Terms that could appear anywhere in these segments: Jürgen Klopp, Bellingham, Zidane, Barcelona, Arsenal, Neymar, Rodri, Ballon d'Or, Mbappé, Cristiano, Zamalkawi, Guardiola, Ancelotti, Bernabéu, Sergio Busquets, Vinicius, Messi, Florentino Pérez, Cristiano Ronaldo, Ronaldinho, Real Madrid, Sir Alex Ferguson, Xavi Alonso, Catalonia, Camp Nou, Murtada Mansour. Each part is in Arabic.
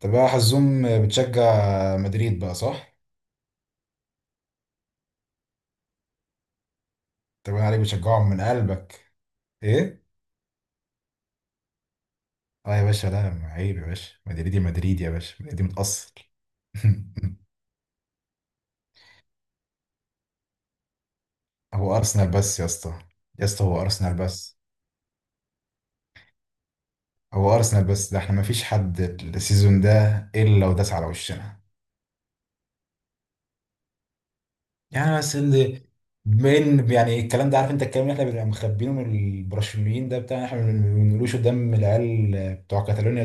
طب يا حزوم، بتشجع مدريد بقى، صح؟ طب انا عليك بتشجعهم من قلبك. ايه؟ اه يا باشا، لا عيب يا باشا، مدريدي، مدريد يا باشا، مدريدي متأصل. هو ارسنال بس يا اسطى، يا اسطى هو ارسنال بس. هو ارسنال بس، ده احنا مفيش حد السيزون ده الا وداس على وشنا. يعني بس اللي من يعني الكلام ده، عارف انت الكلام اللي احنا بنبقى مخبينه من البرازيليين ده بتاع احنا ما بنقولوش قدام العيال بتوع كاتالونيا.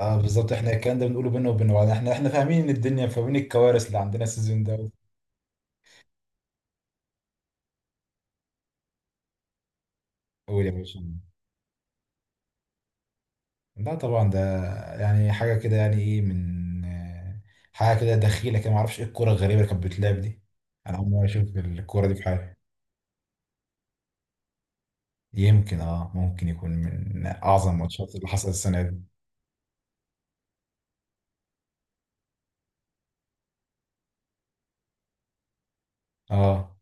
اه بالظبط، احنا الكلام ده بنقوله بينا وبين بعض، احنا فاهمين ان الدنيا فاهمين الكوارث اللي عندنا السيزون ده. قول يا باشا. لا طبعا ده يعني حاجه كده، يعني ايه، من حاجه كده دخيله كده، ما اعرفش ايه الكوره الغريبه اللي كانت بتلعب دي. انا اول مره اشوف الكوره دي في حياتي. يمكن اه، ممكن يكون من اعظم الماتشات اللي حصلت السنه دي. اه،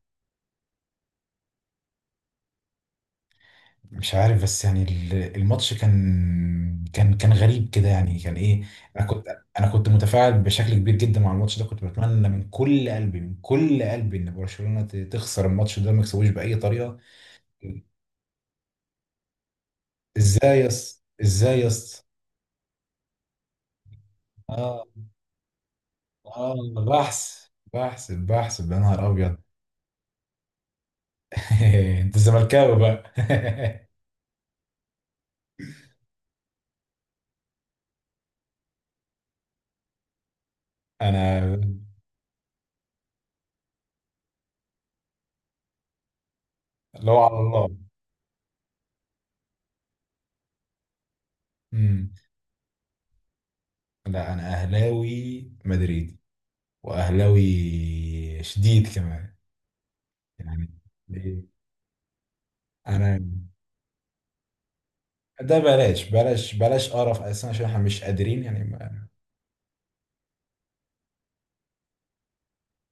مش عارف، بس يعني الماتش كان غريب كده، يعني كان ايه. انا كنت انا كنت متفاعل بشكل كبير جدا مع الماتش ده، كنت بتمنى من كل قلبي، من كل قلبي، ان برشلونة تخسر الماتش ده، ما يكسبوش بأي طريقة. ازاي يا اسطى، ازاي يا اسطى؟ اه، اه، بحث، بحث يا نهار ابيض. انت زملكاوي بقى. انا لو على الله. امم. لا انا اهلاوي مدريدي، واهلاوي شديد كمان. يعني ليه؟ انا ده بلاش، بلاش قرف اساسا، عشان احنا مش قادرين يعني ما.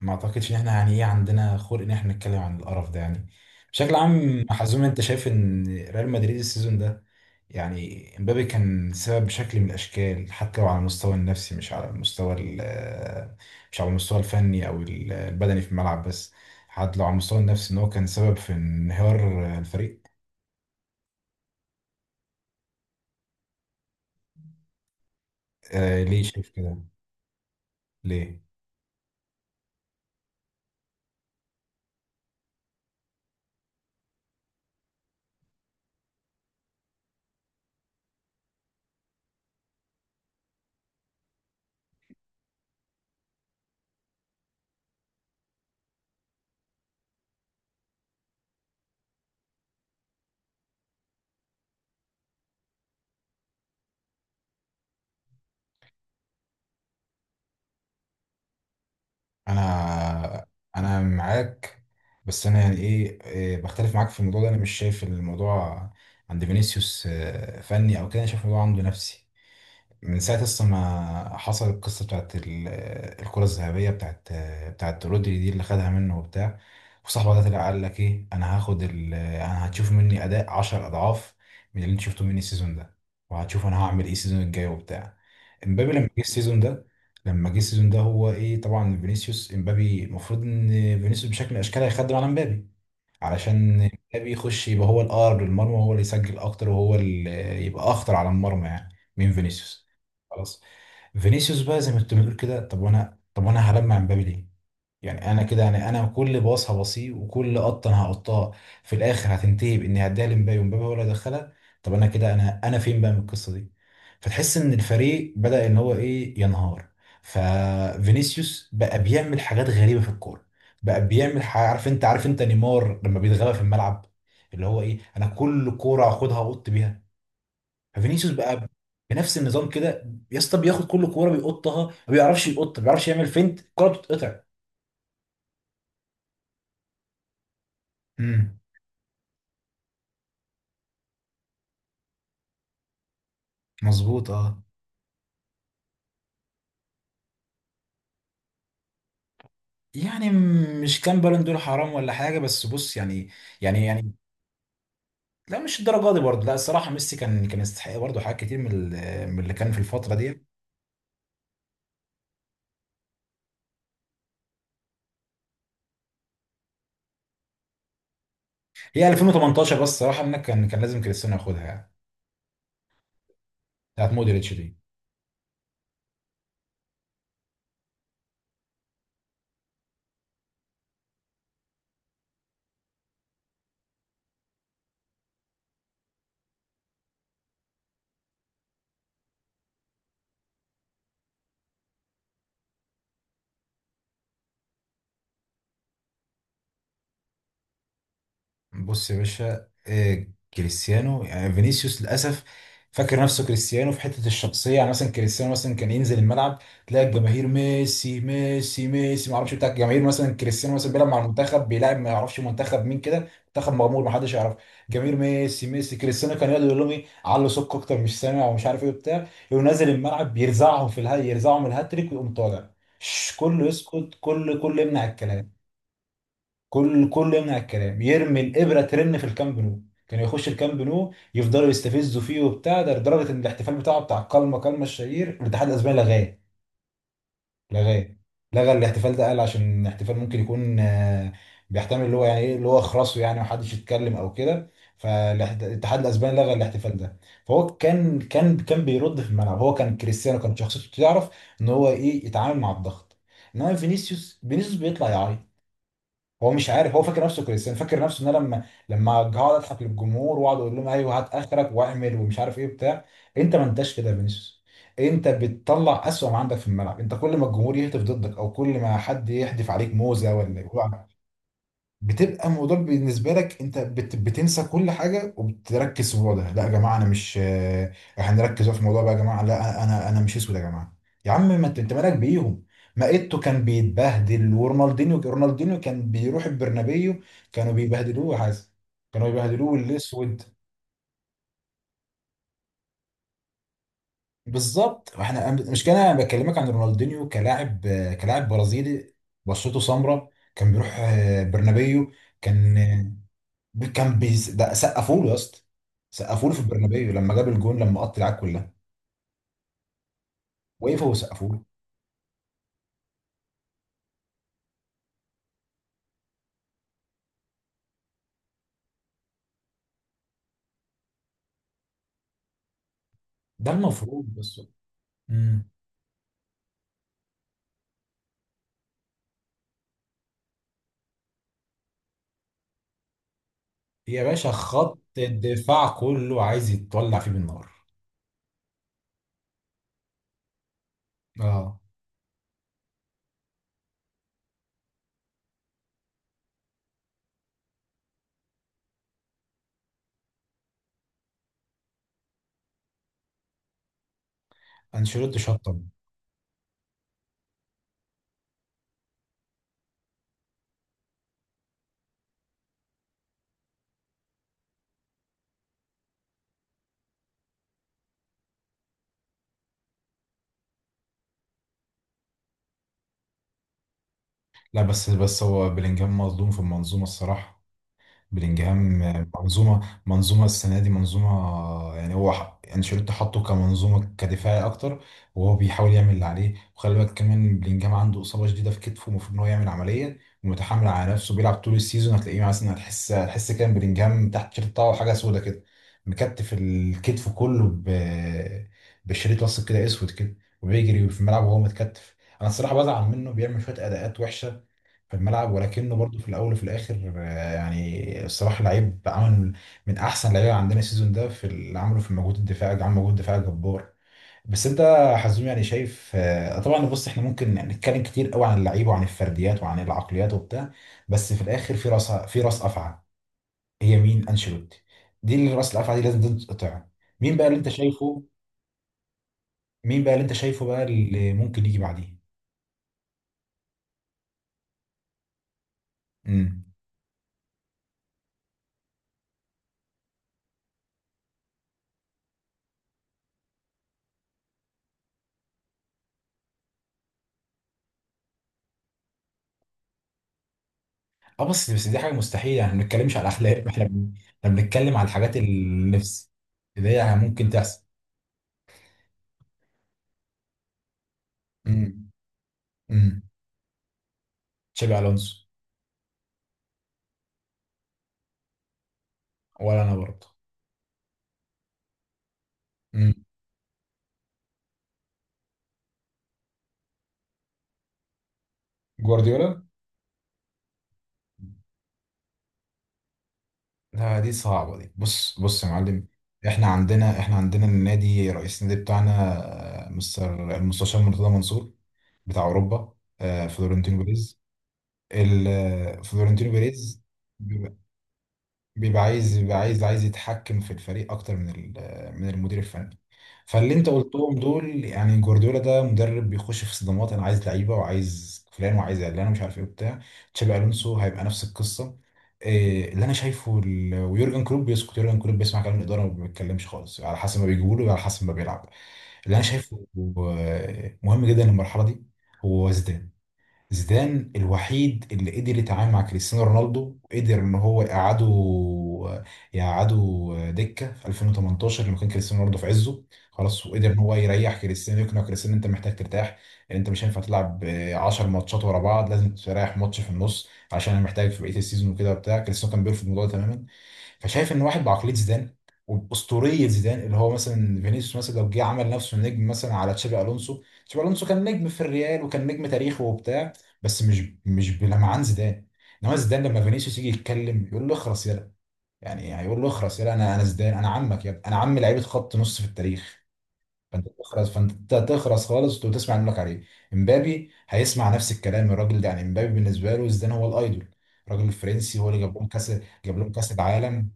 ما اعتقدش ان احنا يعني ايه عندنا خلق ان احنا نتكلم عن القرف ده يعني. بشكل عام حزوم، انت شايف ان ريال مدريد السيزون ده، يعني امبابي كان سبب بشكل من الاشكال، حتى لو على المستوى النفسي مش على المستوى مش على المستوى الفني، او البدني في الملعب بس، حتى لو على المستوى النفسي، ان هو كان سبب في انهيار الفريق. آه، ليه شايف كده؟ ليه؟ انا، انا معاك، بس انا يعني ايه، بختلف معاك في الموضوع ده. انا مش شايف الموضوع عند فينيسيوس فني او كده، انا شايف الموضوع عنده نفسي، من ساعة أصلا ما حصل القصة بتاعت الكرة الذهبية، بتاعت رودري دي اللي خدها منه وبتاع، وصاحبه ده طلع قال لك إيه، أنا هاخد ال، أنا هتشوف مني أداء 10 أضعاف من اللي أنت شفته مني السيزون ده، وهتشوف أنا هعمل إيه السيزون الجاي وبتاع. إمبابي لما جه السيزون ده، لما جه السيزون ده، هو إيه، طبعا فينيسيوس إمبابي المفروض إن فينيسيوس بشكل من الأشكال هيخدم على إمبابي، علشان مبابي يخش يبقى هو الأقرب للمرمى، وهو اللي يسجل أكتر، وهو اللي يبقى أخطر على المرمى يعني من فينيسيوس. خلاص، فينيسيوس بقى زي ما انت بتقول كده، طب وأنا، طب وأنا هلمع مبابي ليه؟ يعني انا كده يعني، انا كل باص هبصيه، وكل قطه انا هقطها، في الاخر هتنتهي باني هديها لمبابي، ومبابي ولا يدخلها. طب انا كده، انا فين بقى من القصه دي؟ فتحس ان الفريق بدا ان هو ايه، ينهار. ففينيسيوس بقى بيعمل حاجات غريبه في الكوره، بقى بيعمل عارف انت، عارف انت نيمار لما بيتغلب في الملعب، اللي هو ايه، انا كل كوره هاخدها اقط بيها. ففينيسيوس بقى بنفس النظام كده يا اسطى، بياخد كل كوره بيقطها، ما بيعرفش يقط، ما بيعرفش يعمل فينت، الكوره بتتقطع. مظبوط، اه. يعني مش كان بالون دور حرام ولا حاجه، بس بص يعني، يعني. لا مش الدرجه دي برضه، لا الصراحه ميسي كان يستحق برضه حاجات كتير من من اللي كان في الفتره دي. هي 2018 بس، الصراحه انك كان لازم كريستيانو ياخدها يعني، بتاعت مودريتش دي. بص يا باشا، كريستيانو، يعني فينيسيوس للاسف فاكر نفسه كريستيانو في حته الشخصيه. يعني مثلا كريستيانو مثلا كان ينزل الملعب، تلاقي الجماهير ميسي ميسي ميسي ما اعرفش بتاع الجماهير. مثلا كريستيانو مثلا بيلعب مع المنتخب، بيلعب ما يعرفش منتخب مين كده، منتخب مغمور ما حدش يعرف، جماهير ميسي ميسي. كريستيانو كان يقعد يقول لهم ايه، علوا سك اكتر، مش سامع ومش عارف ايه وبتاع، يقوم نازل الملعب، يرزعهم في الها، يرزعهم الهاتريك، ويقوم طالع، كله يسكت، كله يمنع الكلام. كل يمنع الكلام، يرمي الابره ترن في الكامب نو. كانوا يخش الكامب نو، يفضلوا يستفزوا فيه وبتاع ده، لدرجه ان الاحتفال بتاعه بتاع كلمه الشهير، الاتحاد الاسباني لغاه، لغاه لغى الاحتفال ده. قال عشان الاحتفال ممكن يكون بيحتمل اللي هو يعني ايه، اللي هو خرسه يعني، محدش يتكلم او كده. فالاتحاد الاسباني لغى الاحتفال ده. فهو كان بيرد في الملعب، هو كان كريستيانو كان شخصيته تعرف ان هو ايه، يتعامل مع الضغط. انما فينيسيوس، فينيسيوس بيطلع يعيط. هو مش عارف، هو فاكر نفسه كريستيانو، فاكر نفسه ان انا لما هقعد اضحك للجمهور، واقعد اقول لهم ايوه هات اخرك واعمل ومش عارف ايه بتاع انت ما انتش كده يا فينيسيوس، انت بتطلع اسوأ ما عندك في الملعب. انت كل ما الجمهور يهتف ضدك، او كل ما حد يحدف عليك موزه ولا يقول، بتبقى الموضوع بالنسبه لك، انت بتنسى كل حاجه، وبتركز في الموضوع ده. لا يا جماعه انا مش احنا نركز بقى في الموضوع بقى يا جماعه، لا انا، انا مش اسود يا جماعه. يا عم ما انت، انت مالك بيهم؟ ما ايتو كان بيتبهدل، ورونالدينيو، رونالدينيو كان بيروح البرنابيو، كانوا بيبهدلوه يا حازم، كانوا بيبهدلوه الاسود. بالظبط، احنا مش كان انا بكلمك عن رونالدينيو كلاعب، كلاعب برازيلي بشرته سمراء، كان بيروح برنابيو. كان، كان ده سقفوا له يا اسطى، سقفوا له في البرنابيو لما جاب الجون، لما قط العاب كلها، وقفوا وسقفوا له. ده المفروض بس. امم. يا باشا خط الدفاع كله عايز يتولع فيه بالنار. اه، انشيلوتي شطب. لا بس، هو بلينجهام مظلوم في المنظومه الصراحه. بلينجهام منظومه السنه دي منظومه، يعني هو انشيلوتي حطه كمنظومه كدفاعي اكتر، وهو بيحاول يعمل اللي عليه. وخلي بالك كمان بلينجهام عنده اصابه شديده في كتفه، المفروض ان هو يعمل عمليه ومتحامل على نفسه، بيلعب طول السيزون. هتلاقيه مثلا، هتحس كده إن بلينجهام تحت التيشيرت بتاعه حاجه سودا كده، مكتف، الكتف كله بشريط لاصق كده اسود كده، وبيجري في الملعب وهو متكتف. انا الصراحه بزعل منه، بيعمل شويه اداءات وحشه في الملعب، ولكنه برضه في الاول وفي الاخر يعني الصراحه لعيب عمل من احسن لعيبه عندنا السيزون ده في اللي عمله في المجهود الدفاعي، عمل مجهود دفاعي جبار. بس انت يا حزوم يعني شايف طبعا، بص احنا ممكن نتكلم كتير قوي عن اللعيبه، وعن الفرديات، وعن العقليات وبتاع، بس في الاخر في راس، في راس افعى، هي مين؟ انشيلوتي، دي اللي راس الافعى دي لازم تتقطع. مين بقى اللي انت شايفه؟ مين بقى اللي انت شايفه بقى اللي ممكن يجي بعديه؟ اه بس، بس دي حاجه مستحيله، يعني ما بنتكلمش على الاخلاق، احنا احنا بنتكلم على الحاجات النفس اللي هي ممكن تحصل. امم، امم، تشابي الونسو. ولا انا برضه. امم، جوارديولا. لا دي صعبه دي، بص، يا معلم، احنا عندنا، احنا عندنا النادي، رئيس النادي بتاعنا مستر المستشار مرتضى منصور بتاع اوروبا، فلورنتينو بيريز، فلورنتينو بيريز بيبقى عايز، بيبقى عايز عايز يتحكم في الفريق اكتر من من المدير الفني. فاللي انت قلتهم دول، يعني جوارديولا ده مدرب بيخش في صدمات، انا عايز لعيبه، وعايز فلان، وعايز علان، ومش عارف ايه وبتاع. تشابي الونسو هيبقى نفس القصه. إيه اللي انا شايفه، ويورجن كلوب بيسكت، يورجن كلوب بيسمع كلام الاداره وما بيتكلمش خالص، على حسب ما بيجيبوا له وعلى حسب ما بيلعب. اللي انا شايفه مهم جدا المرحله دي. هو زيدان، زيدان الوحيد اللي قدر يتعامل مع كريستيانو رونالدو، وقدر ان هو يقعده، يقعده دكه في 2018 لما كان كريستيانو رونالدو في عزه. خلاص، وقدر ان هو يريح كريستيانو، يقنع كريستيانو إن انت محتاج ترتاح، انت مش هينفع تلعب 10 ماتشات ورا بعض، لازم تريح ماتش في النص، عشان انا محتاج في بقيه السيزون وكده وبتاع. كريستيانو كان بيرفض الموضوع ده تماما. فشايف ان واحد بعقليه زيدان، وباسطوريه زيدان، اللي هو مثلا فينيسيوس مثلا لو جه عمل نفسه نجم، مثلا على تشابي الونسو، تشابي الونسو كان نجم في الريال، وكان نجم تاريخه وبتاع، بس مش، مش بلمعان زيدان. انما زيدان لما فينيسيوس يجي يتكلم، يقول له اخرس يلا. يعني هيقول له اخرس يلا، انا، انا زيدان، انا عمك يا ابني، انا عم لعيبه خط نص في التاريخ، فانت تخرس، فانت تخرس خالص، وتسمع اللي لك عليه. امبابي هيسمع نفس الكلام الراجل ده، يعني امبابي بالنسبه له زيدان هو الايدول، الراجل الفرنسي هو اللي جاب لهم كاس، جاب لهم كاس العالم،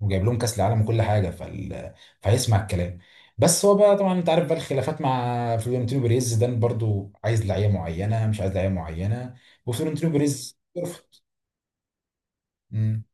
وجايب لهم كاس العالم وكل حاجه فهيسمع الكلام. بس هو بقى طبعا، انت عارف بقى، الخلافات مع فلورنتينو بيريز ده برضو، عايز لعيبه معينه، مش عايز لعيبه معينه، وفلورنتينو بيريز يرفض. مم.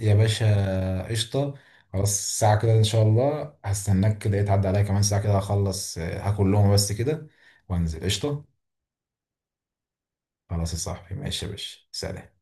يا باشا قشطه، خلاص الساعه كده ان شاء الله هستناك كده، تعدي عليا كمان ساعه كده، هخلص هاكل لهم بس كده، وانزل، قشطه. خلاص يا صاحبي، ماشي يا باشا، سلام.